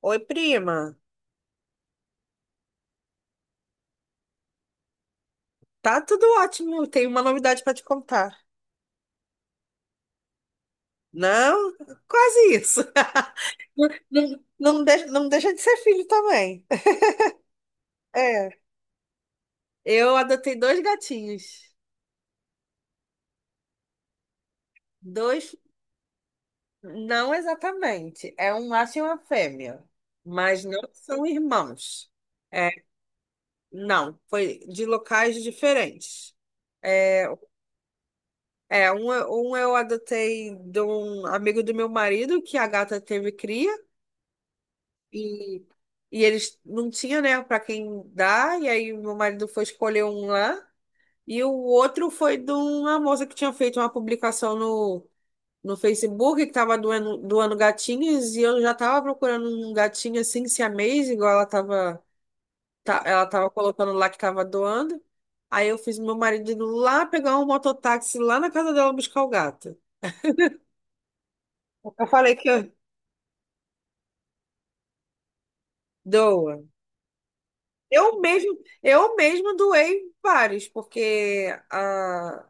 Oi, prima. Tá tudo ótimo. Tenho uma novidade para te contar. Não, quase isso. Não, não, não deixa de ser filho também. É, eu adotei dois gatinhos. Dois, não exatamente. É um macho e uma fêmea, mas não são irmãos. É, não, foi de locais diferentes. É, é, um eu adotei de um amigo do meu marido, que a gata teve cria. E, e eles não tinham, né, para quem dar, e aí meu marido foi escolher um lá, e o outro foi de uma moça que tinha feito uma publicação no Facebook, que estava doando gatinhos, e eu já estava procurando um gatinho assim, siamês, igual ela tava colocando lá que estava doando. Aí eu fiz meu marido ir lá pegar um mototáxi lá na casa dela buscar o gato. Eu falei que eu doa. Eu mesmo doei vários, porque a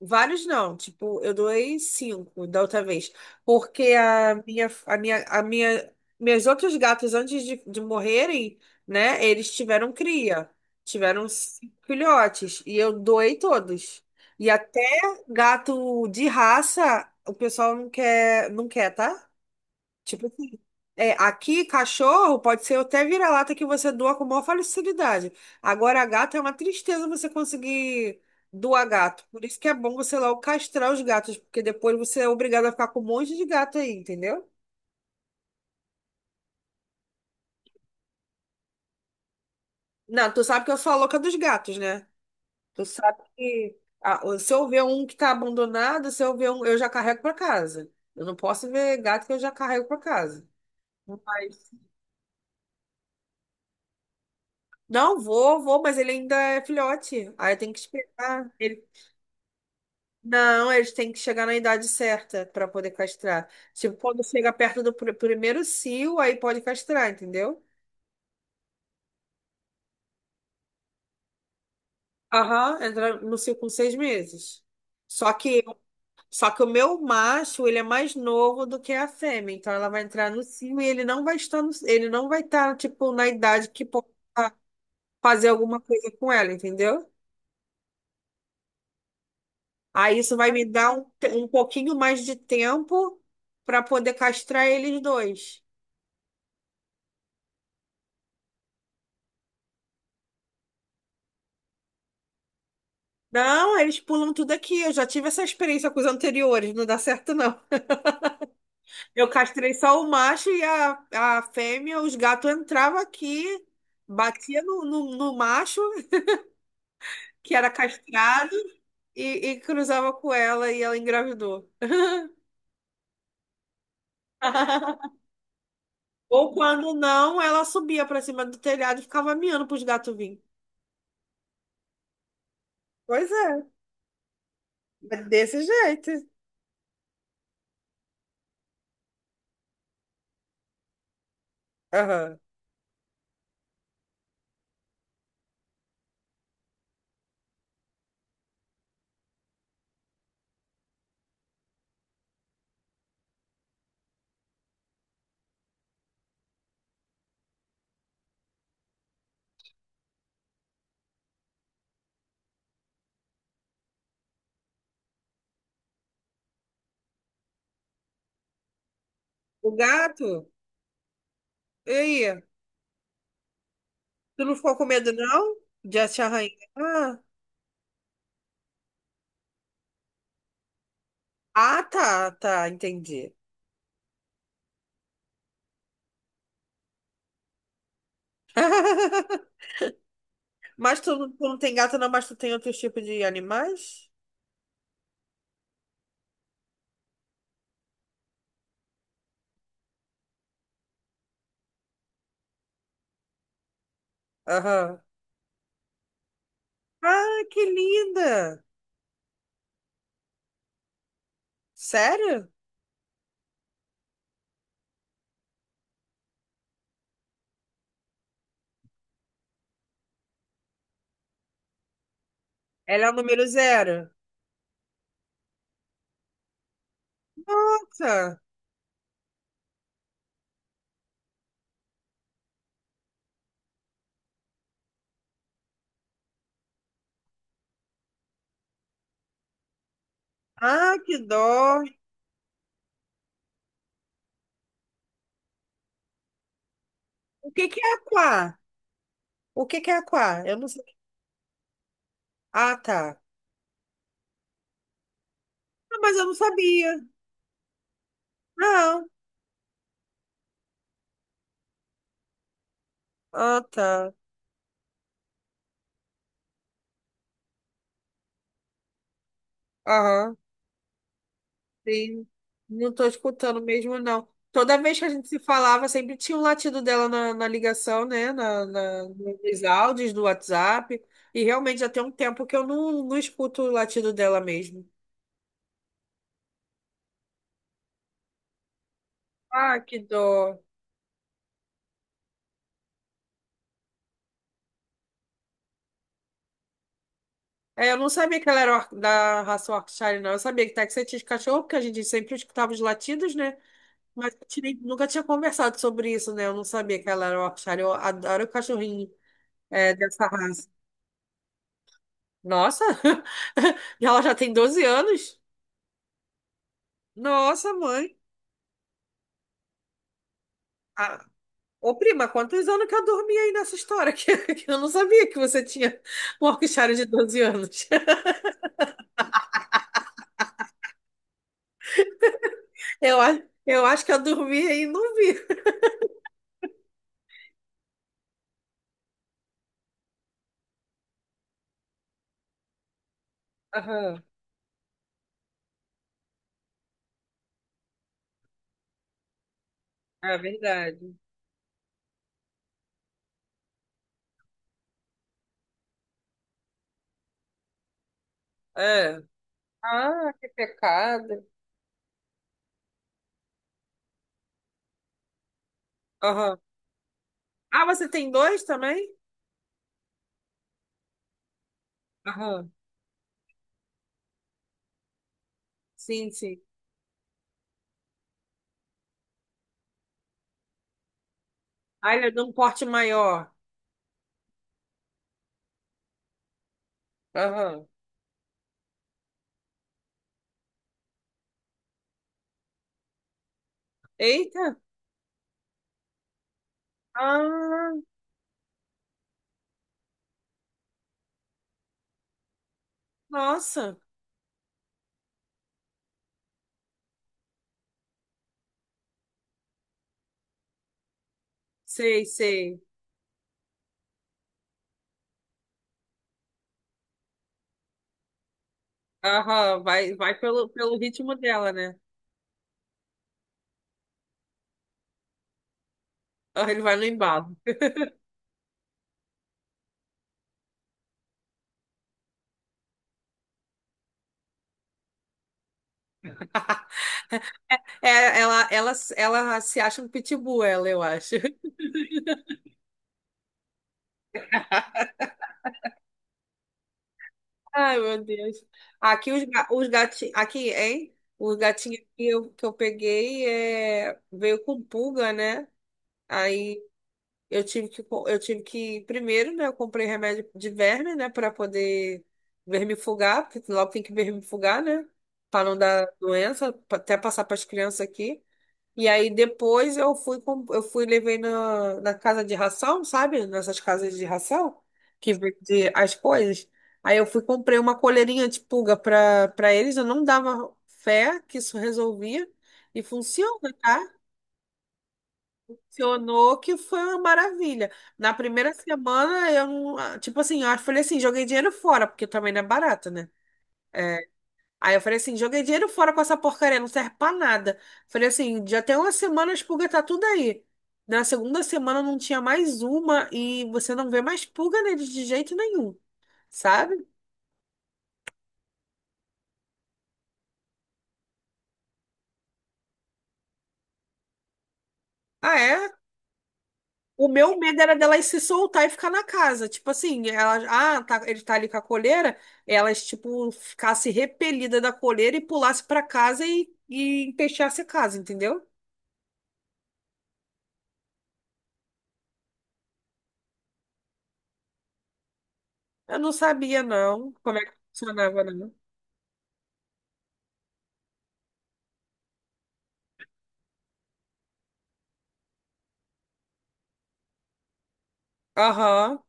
vários não, tipo, eu doei cinco da outra vez, porque meus outros gatos antes de morrerem, né, eles tiveram cria, tiveram cinco filhotes e eu doei todos. E até gato de raça, o pessoal não quer, não quer, tá? Tipo assim, é, aqui cachorro pode ser até vira-lata que você doa com maior facilidade. Agora, gato é uma tristeza você conseguir doar gato. Por isso que é bom você logo castrar os gatos, porque depois você é obrigado a ficar com um monte de gato aí, entendeu? Não, tu sabe que eu sou a louca dos gatos, né? Tu sabe que se eu ver um que tá abandonado, se eu ver um, eu já carrego pra casa. Eu não posso ver gato que eu já carrego pra casa. Mas- Não, vou, vou, mas ele ainda é filhote. Aí tem que esperar. Ele Não, eles têm que chegar na idade certa para poder castrar. Tipo, quando chega perto do primeiro cio, aí pode castrar, entendeu? Aham, entra no cio com 6 meses. Só que, só que o meu macho, ele é mais novo do que a fêmea, então ela vai entrar no cio e ele não vai estar, tipo, na idade que possa fazer alguma coisa com ela, entendeu? Aí isso vai me dar um pouquinho mais de tempo para poder castrar eles dois. Não, eles pulam tudo aqui. Eu já tive essa experiência com os anteriores, não dá certo, não. Eu castrei só o macho e a fêmea, os gatos entravam aqui, batia no macho, que era castrado, e, e cruzava com ela e ela engravidou. Ou quando não, ela subia para cima do telhado e ficava miando para os gatos virem. Pois é, é desse jeito. Aham. O gato, e aí? Tu não ficou com medo, não? De te arranhar? Ah, tá, tá, entendi. Mas tu não tem gato, não, mas tu tem outros tipos de animais? Aham. Ah, que linda! Sério? Ela é o número zero? Nossa! Ah, que dó! O que que é aquá? O que que é aquá? Eu não sei. Ah, tá. Ah, mas eu não sabia. Não. Ah, tá. Aham. Sim, não estou escutando mesmo, não. Toda vez que a gente se falava, sempre tinha um latido dela na ligação, né? Nos áudios do WhatsApp. E realmente já tem um tempo que eu não escuto o latido dela mesmo. Ah, que dó. É, eu não sabia que ela era da raça Yorkshire, não. Eu sabia que Texas tinha de cachorro, porque a gente sempre escutava os latidos, né? Mas eu nunca tinha conversado sobre isso, né? Eu não sabia que ela era Yorkshire. Eu adoro o cachorrinho, dessa raça. Nossa, e ela já tem 12 anos? Nossa, mãe. Ah, ô, prima, quantos anos que eu dormi aí nessa história? Que eu não sabia que você tinha um Yorkshire de 12 anos. Eu, a- eu acho que eu dormi aí e não vi. Aham, é verdade. É. Ah, que pecado. Aham. Ah, você tem dois também? Aham, sim, sim. Ah, ele é de um porte maior. Aham. Eita. Ah, nossa. Sei, sei. Aham, vai, vai pelo ritmo dela, né? Ah, ele vai no embalo. É, ela se acha um pitbull, ela, eu acho. Ai, meu Deus. Aqui os gatinhos. Aqui, hein? Os gatinhos que eu peguei veio com pulga, né? Aí eu tive que. Primeiro, né? Eu comprei remédio de verme, né? Pra poder vermifugar, porque logo tem que vermifugar, né? Pra não dar doença, até passar pras crianças aqui. E aí depois eu fui, com- eu fui levei na casa de ração, sabe? Nessas casas de ração que vende as coisas. Aí eu fui e comprei uma coleirinha de pulga para eles. Eu não dava fé que isso resolvia e funciona, tá? Funcionou que foi uma maravilha. Na primeira semana eu, não- ah, tipo assim, eu falei assim, joguei dinheiro fora, porque também não é barato, né? É, aí eu falei assim, joguei dinheiro fora com essa porcaria, não serve pra nada. Falei assim, já tem uma semana a pulga tá tudo aí. Na segunda semana não tinha mais uma e você não vê mais pulga neles de jeito nenhum, sabe? Ah, é? O meu medo era delas se soltar e ficar na casa. Tipo assim, ele tá ali com a coleira, elas, tipo, ficasse repelida da coleira e pulasse pra casa e empesteasse a casa, entendeu? Eu não sabia, não, como é que funcionava, não. Aham.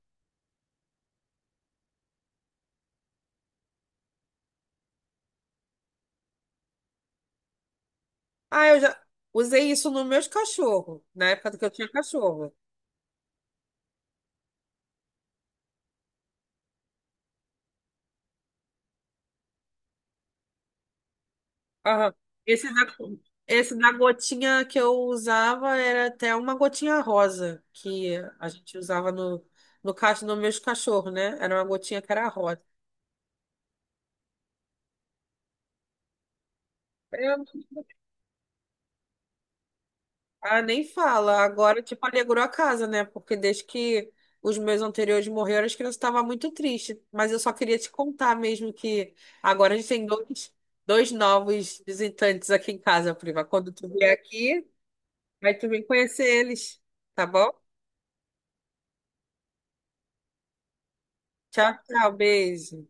Ah, eu já usei isso nos meus cachorros, na época que eu tinha cachorro. Aham. Esse da, esse da gotinha que eu usava era até uma gotinha rosa, que a gente usava no caso dos meus cachorros, né? Era uma gotinha que era rosa. Ah, nem fala. Agora, tipo, alegrou a casa, né? Porque desde que os meus anteriores morreram, as crianças estavam muito tristes. Mas eu só queria te contar mesmo que agora a gente tem dois novos visitantes aqui em casa, Priva. Quando tu vier aqui, vai tu vir conhecer eles, tá bom? Tchau, tchau, beijo.